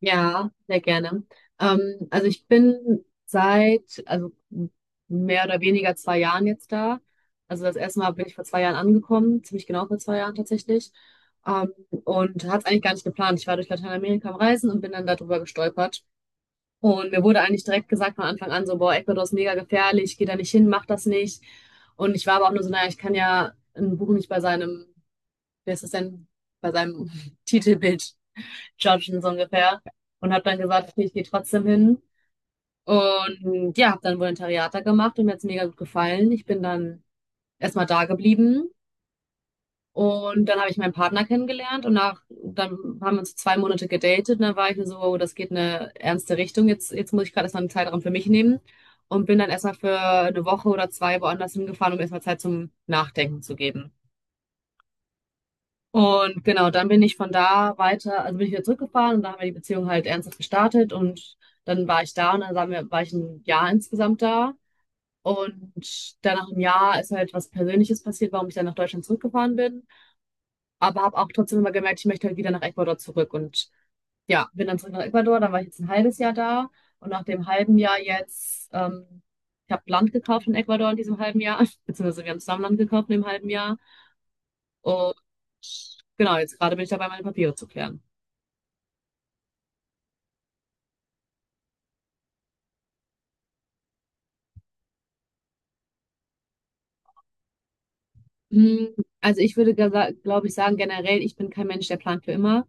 Ja, sehr gerne. Also ich bin also mehr oder weniger 2 Jahren jetzt da. Also das erste Mal bin ich vor 2 Jahren angekommen, ziemlich genau vor 2 Jahren tatsächlich. Und hatte es eigentlich gar nicht geplant. Ich war durch Lateinamerika am Reisen und bin dann darüber gestolpert. Und mir wurde eigentlich direkt gesagt von Anfang an, so, boah, Ecuador ist mega gefährlich, geh da nicht hin, mach das nicht. Und ich war aber auch nur so, naja, ich kann ja ein Buch nicht bei seinem, wer ist das denn, bei seinem Titelbild judgen, so ungefähr. Und habe dann gesagt, okay, ich gehe trotzdem hin. Und ja, habe dann Volontariat da gemacht und mir hat's mega gut gefallen. Ich bin dann erstmal da geblieben und dann habe ich meinen Partner kennengelernt und dann haben wir uns 2 Monate gedatet und dann war ich mir so, oh, das geht in eine ernste Richtung. Jetzt muss ich gerade erstmal einen Zeitraum für mich nehmen und bin dann erstmal für eine Woche oder zwei woanders hingefahren, um erstmal Zeit zum Nachdenken zu geben. Und genau, dann bin ich von da weiter, also bin ich wieder zurückgefahren und da haben wir die Beziehung halt ernsthaft gestartet und dann war ich da und dann war ich ein Jahr insgesamt da. Und dann nach einem Jahr ist halt was Persönliches passiert, warum ich dann nach Deutschland zurückgefahren bin. Aber habe auch trotzdem immer gemerkt, ich möchte halt wieder nach Ecuador zurück. Und ja, bin dann zurück nach Ecuador, dann war ich jetzt ein halbes Jahr da. Und nach dem halben Jahr jetzt, ich habe Land gekauft in Ecuador in diesem halben Jahr, beziehungsweise wir haben zusammen Land gekauft in dem halben Jahr. Und genau, jetzt gerade bin ich dabei, meine Papiere zu klären. Hm, Also ich würde, glaube ich, sagen, generell, ich bin kein Mensch, der plant für immer,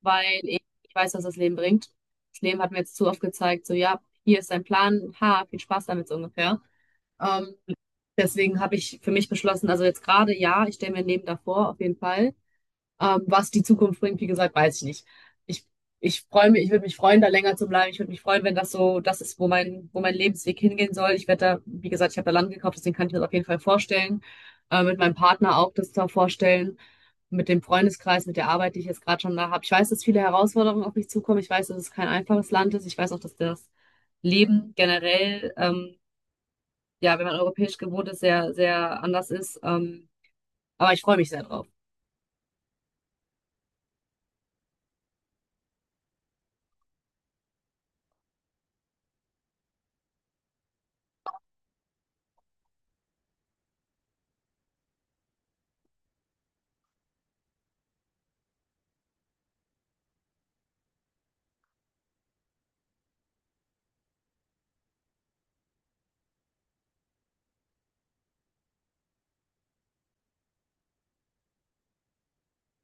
weil ich weiß, was das Leben bringt. Das Leben hat mir jetzt zu oft gezeigt, so, ja, hier ist dein Plan, ha, viel Spaß damit, so ungefähr. Ähm, Deswegen habe ich für mich beschlossen, also jetzt gerade ja, ich stelle mir ein Leben davor, auf jeden Fall. Was die Zukunft bringt, wie gesagt, weiß ich nicht. Ich, ich freue mich, ich würde mich freuen, da länger zu bleiben. Ich würde mich freuen, wenn das so das ist, wo mein Lebensweg hingehen soll. Ich werde da, wie gesagt, ich habe da Land gekauft, deswegen kann ich mir das auf jeden Fall vorstellen. Mit meinem Partner auch das da vorstellen. Mit dem Freundeskreis, mit der Arbeit, die ich jetzt gerade schon da habe. Ich weiß, dass viele Herausforderungen auf mich zukommen. Ich weiß, dass es kein einfaches Land ist. Ich weiß auch, dass das Leben generell, ja, wenn man europäisch gewohnt ist, sehr, sehr anders ist. Aber ich freue mich sehr drauf.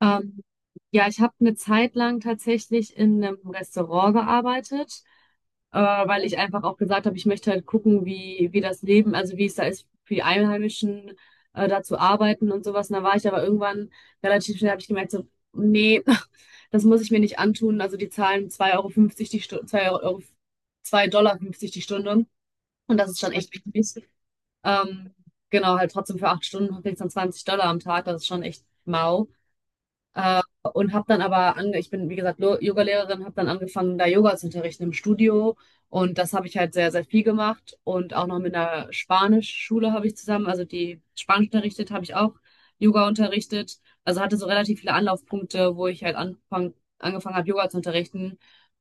Ähm, ja, ich habe eine Zeit lang tatsächlich in einem Restaurant gearbeitet, weil ich einfach auch gesagt habe, ich möchte halt gucken, wie das Leben, also wie es da ist, für die Einheimischen da zu arbeiten und sowas. Und da war ich aber irgendwann relativ schnell, habe ich gemerkt, so, nee, das muss ich mir nicht antun. Also die zahlen 2,50 € die Stunde, 2 Euro, 2,50 $ die Stunde. Und das ist schon echt wenig. Ähm, genau, halt trotzdem für 8 Stunden kriegst du dann 20 $ am Tag, das ist schon echt mau. Äh, und habe dann aber, ange ich bin wie gesagt Yogalehrerin, habe dann angefangen, da Yoga zu unterrichten im Studio. Und das habe ich halt sehr, sehr viel gemacht. Und auch noch mit einer Spanischschule habe ich zusammen, also die Spanisch unterrichtet, habe ich auch Yoga unterrichtet. Also hatte so relativ viele Anlaufpunkte, wo ich halt angefangen habe, Yoga zu unterrichten.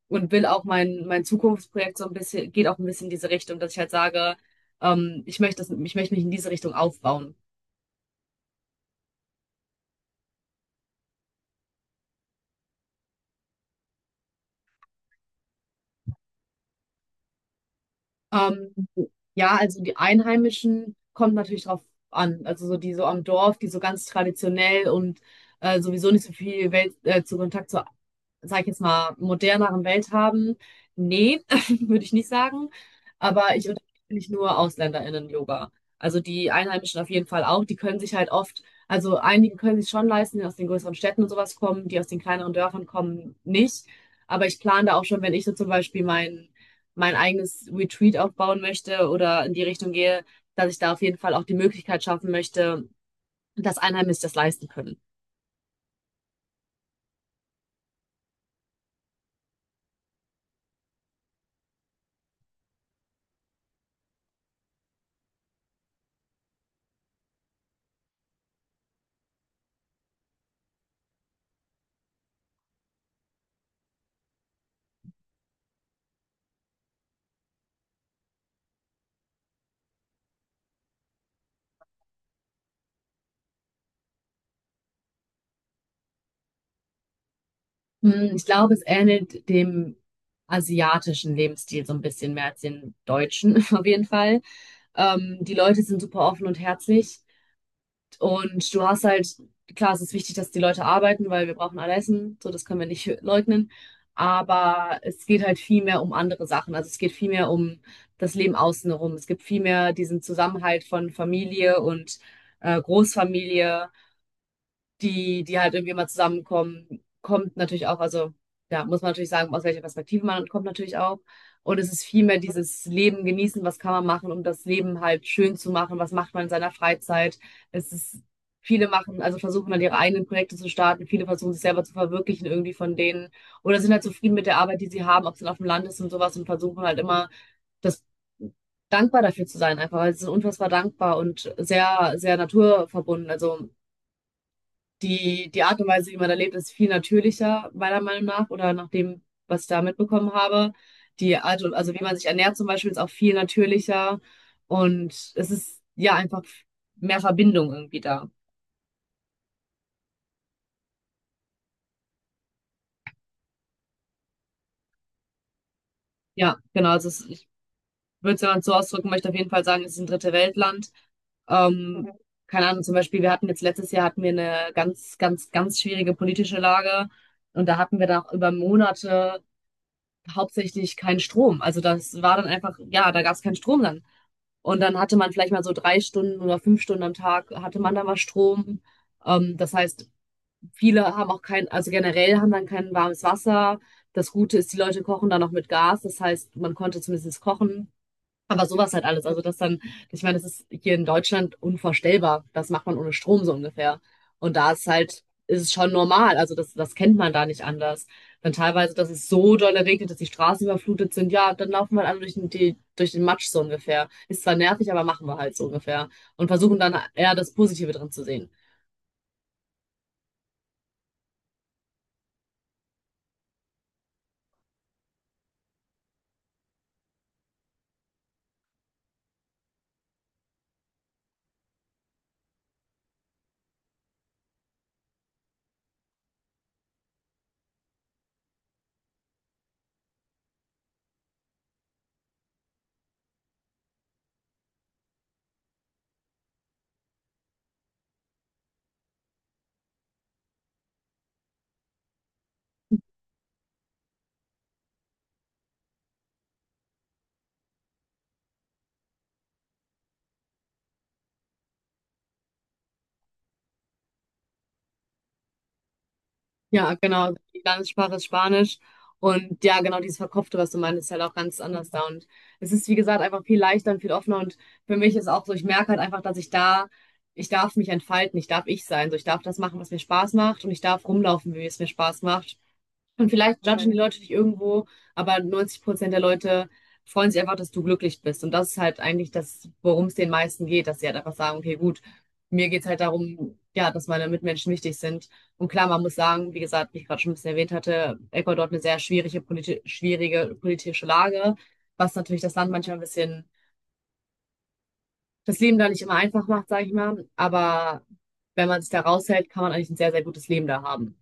Und will auch mein Zukunftsprojekt so ein bisschen, geht auch ein bisschen in diese Richtung, dass ich halt sage, ich möchte das, ich möchte mich in diese Richtung aufbauen. Ähm, ja, also die Einheimischen kommt natürlich drauf an. Also so die so am Dorf, die so ganz traditionell und sowieso nicht so viel Welt, zu Kontakt zur, sag ich jetzt mal, moderneren Welt haben? Nee, würde ich nicht sagen. Aber ich unterrichte nicht nur AusländerInnen Yoga. Also die Einheimischen auf jeden Fall auch. Die können sich halt oft, also einige können sich schon leisten, die aus den größeren Städten und sowas kommen, die aus den kleineren Dörfern kommen nicht. Aber ich plane da auch schon, wenn ich so zum Beispiel mein eigenes Retreat aufbauen möchte oder in die Richtung gehe, dass ich da auf jeden Fall auch die Möglichkeit schaffen möchte, dass Einheimische das leisten können. Ich glaube, es ähnelt dem asiatischen Lebensstil so ein bisschen mehr als den deutschen, auf jeden Fall. Die Leute sind super offen und herzlich. Und du hast halt, klar, es ist wichtig, dass die Leute arbeiten, weil wir brauchen alle Essen. So, das können wir nicht leugnen. Aber es geht halt viel mehr um andere Sachen. Also es geht viel mehr um das Leben außen herum. Es gibt viel mehr diesen Zusammenhalt von Familie und Großfamilie, die die halt irgendwie immer zusammenkommen, kommt natürlich auch, also ja, muss man natürlich sagen, aus welcher Perspektive man kommt, natürlich auch. Und es ist vielmehr dieses Leben genießen, was kann man machen, um das Leben halt schön zu machen, was macht man in seiner Freizeit. Es ist, viele machen, also versuchen dann ihre eigenen Projekte zu starten, viele versuchen sich selber zu verwirklichen irgendwie von denen oder sind halt zufrieden mit der Arbeit, die sie haben, ob es dann auf dem Land ist und sowas und versuchen halt immer das dankbar dafür zu sein, einfach, weil sie sind unfassbar dankbar und sehr, sehr naturverbunden. Also die Art und Weise, wie man da lebt, ist viel natürlicher, meiner Meinung nach, oder nach dem, was ich da mitbekommen habe. Die Art und, also wie man sich ernährt zum Beispiel, ist auch viel natürlicher. Und es ist ja einfach mehr Verbindung irgendwie da. Ja, genau. Also ich würde es, wenn man es so ausdrücken möchte, auf jeden Fall sagen, es ist ein dritte Weltland. Ähm, Keine Ahnung, zum Beispiel, wir hatten jetzt letztes Jahr hatten wir eine ganz, ganz, ganz schwierige politische Lage. Und da hatten wir dann auch über Monate hauptsächlich keinen Strom. Also das war dann einfach, ja, da gab es keinen Strom dann. Und dann hatte man vielleicht mal so 3 Stunden oder 5 Stunden am Tag, hatte man dann mal Strom. Das heißt, viele haben auch kein, also generell haben dann kein warmes Wasser. Das Gute ist, die Leute kochen dann noch mit Gas. Das heißt, man konnte zumindest kochen. Aber sowas halt alles. Also das dann, ich meine, das ist hier in Deutschland unvorstellbar. Das macht man ohne Strom, so ungefähr. Und da ist halt, ist es schon normal. Also das kennt man da nicht anders. Dann teilweise, dass es so doll regnet, dass die Straßen überflutet sind. Ja, dann laufen wir halt alle durch den Matsch, so ungefähr. Ist zwar nervig, aber machen wir halt, so ungefähr. Und versuchen dann eher das Positive drin zu sehen. Ja, genau. Die Landessprache ist Spanisch. Und ja, genau dieses Verkopfte, was du meinst, ist halt auch ganz anders da. Und es ist, wie gesagt, einfach viel leichter und viel offener. Und für mich ist auch so, ich merke halt einfach, dass ich da, ich darf mich entfalten, ich darf ich sein. So, ich darf das machen, was mir Spaß macht und ich darf rumlaufen, wie es mir Spaß macht. Und vielleicht judgen die, mhm, Leute dich irgendwo, aber 90% der Leute freuen sich einfach, dass du glücklich bist. Und das ist halt eigentlich das, worum es den meisten geht, dass sie halt einfach sagen, okay, gut, mir geht's halt darum, ja, dass meine Mitmenschen wichtig sind. Und klar, man muss sagen, wie gesagt, wie ich gerade schon ein bisschen erwähnt hatte, Ecuador hat eine sehr schwierige, politi schwierige politische Lage, was natürlich das Land manchmal ein bisschen, das Leben da nicht immer einfach macht, sage ich mal. Aber wenn man sich da raushält, kann man eigentlich ein sehr, sehr gutes Leben da haben.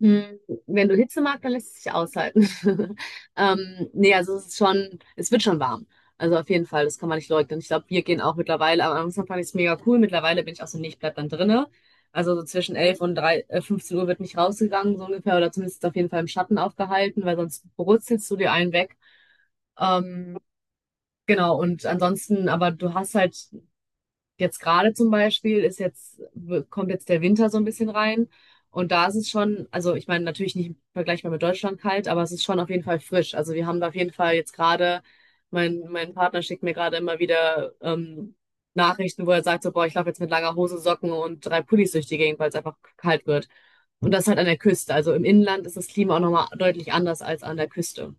Hm, Wenn du Hitze magst, dann lässt es sich aushalten. Nee, also es ist schon, es wird schon warm. Also auf jeden Fall, das kann man nicht leugnen. Ich glaube, wir gehen auch mittlerweile, am Anfang fand ich es mega cool. Mittlerweile bin ich auch so, nee, ich bleib dann drinne. Also so zwischen 11 und 3, 15 Uhr wird nicht rausgegangen, so ungefähr, oder zumindest auf jeden Fall im Schatten aufgehalten, weil sonst brutzelst du dir einen weg. Ähm, genau, und ansonsten, aber du hast halt jetzt gerade zum Beispiel kommt jetzt der Winter so ein bisschen rein. Und da ist es schon, also ich meine, natürlich nicht vergleichbar mit Deutschland kalt, aber es ist schon auf jeden Fall frisch. Also wir haben da auf jeden Fall jetzt gerade, mein Partner schickt mir gerade immer wieder Nachrichten, wo er sagt, so, boah, ich laufe jetzt mit langer Hose, Socken und drei Pullis durch die Gegend, weil es einfach kalt wird. Und das halt an der Küste. Also im Inland ist das Klima auch nochmal deutlich anders als an der Küste.